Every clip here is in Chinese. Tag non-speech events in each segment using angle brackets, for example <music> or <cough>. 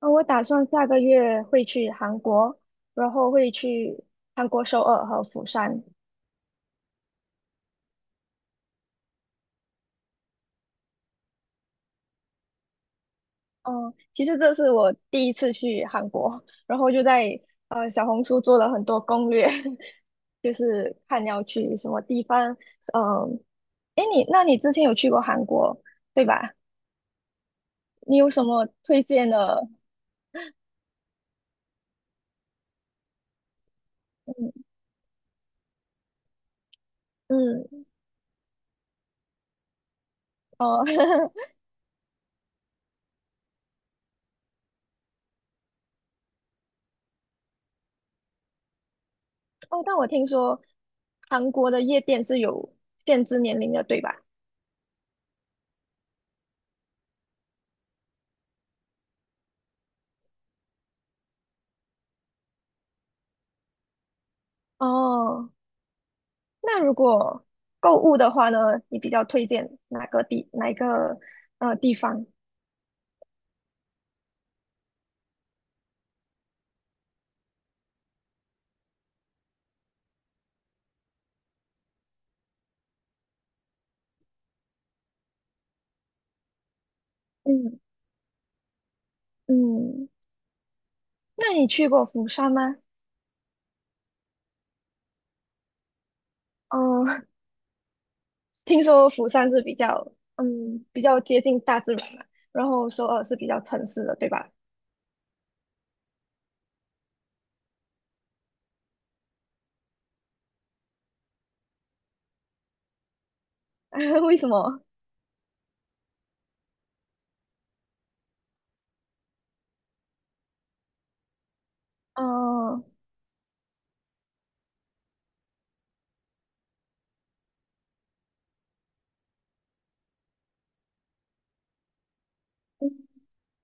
我打算下个月会去韩国，然后会去韩国首尔和釜山。嗯，其实这是我第一次去韩国，然后就在小红书做了很多攻略，<laughs> 就是看要去什么地方。嗯，诶，那你之前有去过韩国，对吧？你有什么推荐的？嗯嗯哦 <laughs> 哦，但我听说韩国的夜店是有限制年龄的，对吧？哦，那如果购物的话呢，你比较推荐哪一个地方？嗯嗯，那你去过釜山吗？嗯、<laughs> 听说釜山是比较比较接近大自然嘛，然后首尔是比较城市的，对吧？<laughs> 为什么？嗯、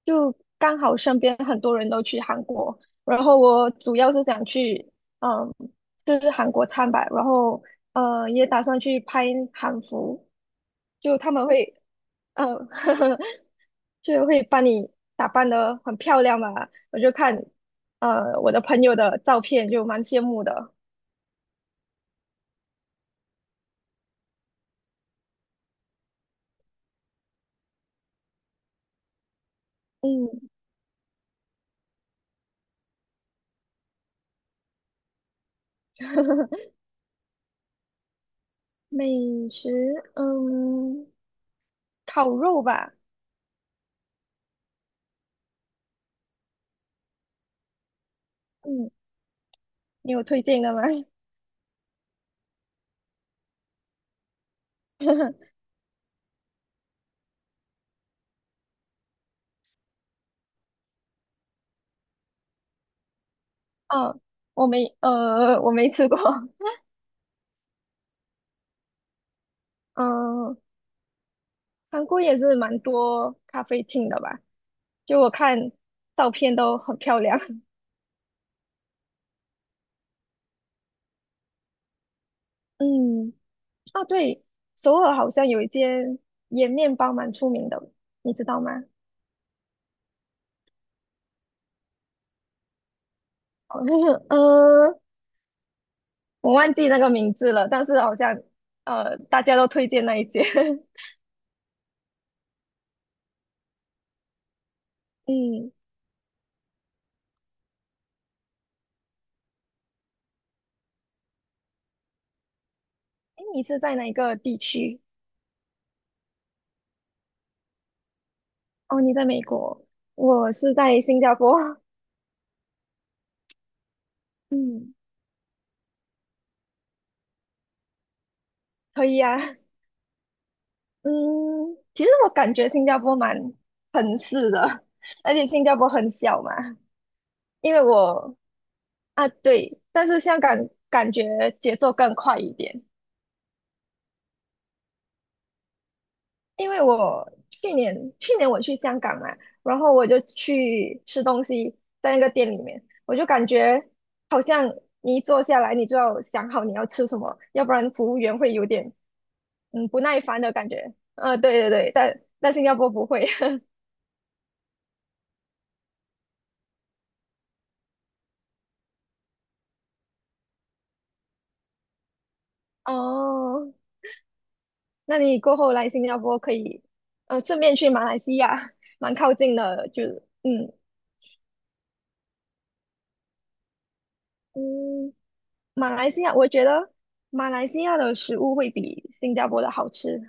就刚好身边很多人都去韩国，然后我主要是想去嗯吃韩国餐吧，然后也打算去拍韩服，就他们会。嗯，<laughs> 就会把你打扮得很漂亮嘛。我就看，我的朋友的照片就蛮羡慕的。嗯，<laughs> 美食，嗯，烤肉吧。嗯，你有推荐的吗？<laughs> 嗯，我没，呃，<laughs> 我没吃过。<laughs> 嗯，韩国也是蛮多咖啡厅的吧？就我看照片都很漂亮。<laughs> 嗯。啊，对，首尔好像有一间盐面包蛮出名的，你知道吗？好像是 <laughs> 呃，我忘记那个名字了，但是好像大家都推荐那一间。<laughs> 嗯，哎，你是在哪个地区？哦，你在美国，我是在新加坡。嗯，可以啊。嗯，其实我感觉新加坡蛮城市的，而且新加坡很小嘛，因为我啊，对，但是香港感觉节奏更快一点。因为我去年我去香港嘛，然后我就去吃东西，在那个店里面，我就感觉好像你一坐下来，你就要想好你要吃什么，要不然服务员会有点不耐烦的感觉。对对对，但新加坡不会。<laughs> 哦，那你过后来新加坡可以，顺便去马来西亚，蛮靠近的，就是嗯，马来西亚我觉得马来西亚的食物会比新加坡的好吃。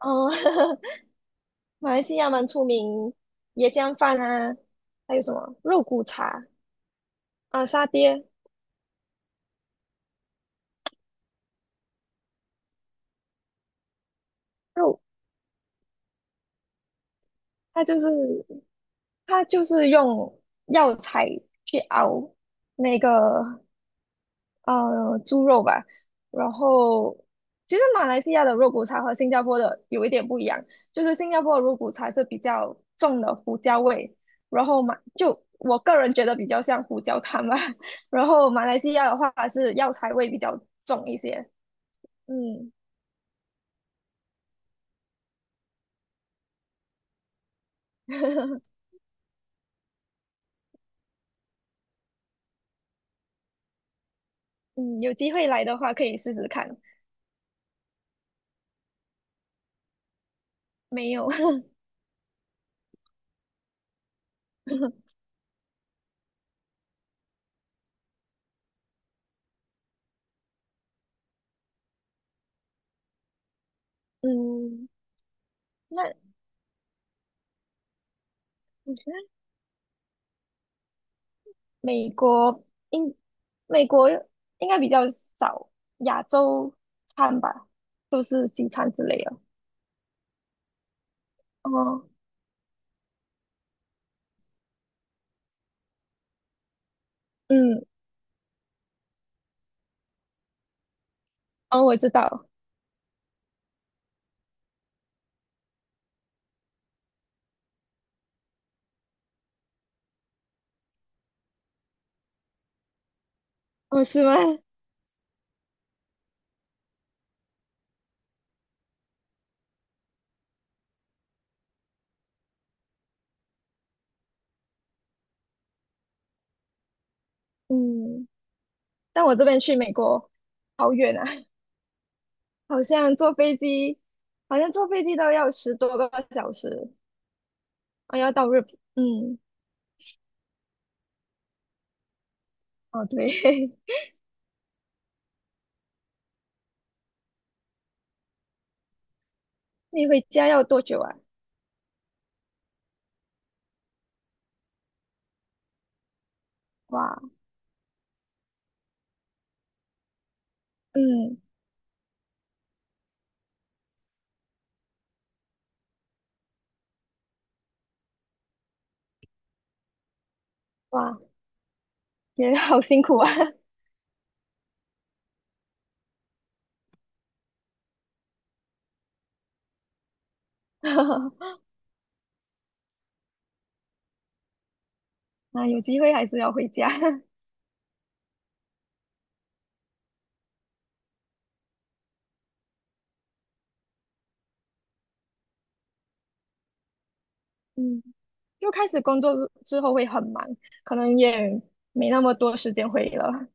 哦，<laughs> 马来西亚蛮出名椰浆饭啊，还有什么肉骨茶啊、沙爹肉，它就是它就是用药材去熬那个猪肉吧。然后，其实马来西亚的肉骨茶和新加坡的有一点不一样，就是新加坡的肉骨茶是比较重的胡椒味，然后就我个人觉得比较像胡椒汤吧。<laughs> 然后马来西亚的话是药材味比较重一些。嗯嗯，有机会来的话可以试试看。没有，<laughs> 嗯，那。嗯美国应美国应该比较少亚洲餐吧，都是西餐之类的。哦，嗯，哦，我知道，哦，是吗？嗯，但我这边去美国好远啊，<laughs> 好像坐飞机，好像坐飞机都要10多个小时，啊，要到日本，嗯，哦，对，<laughs> 你回家要多久啊？哇，嗯，哇，也好辛苦啊，<laughs> 那有机会还是要回家，<laughs> 嗯。又开始工作之后会很忙，可能也没那么多时间回忆了。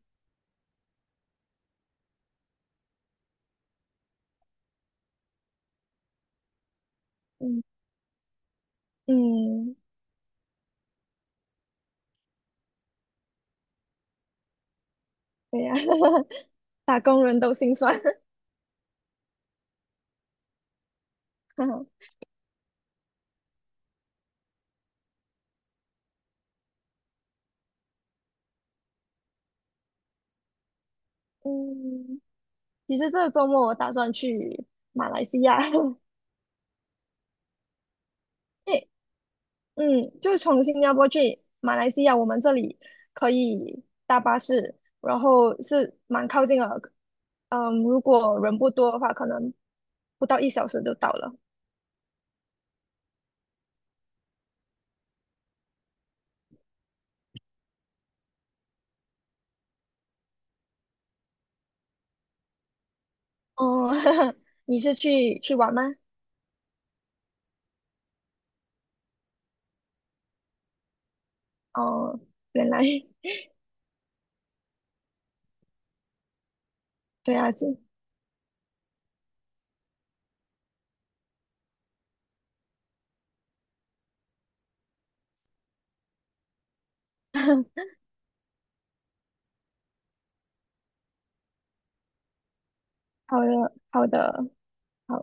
嗯嗯，对呀、<laughs> 打工人都心酸。<laughs> 嗯，其实这个周末我打算去马来西亚，<laughs> 诶，嗯，就从新加坡去马来西亚，我们这里可以搭巴士，然后是蛮靠近的。嗯，如果人不多的话，可能不到1小时就到了。哦，<laughs> 你是去玩吗？哦，原来对啊，是 <laughs> 好的，好的，好。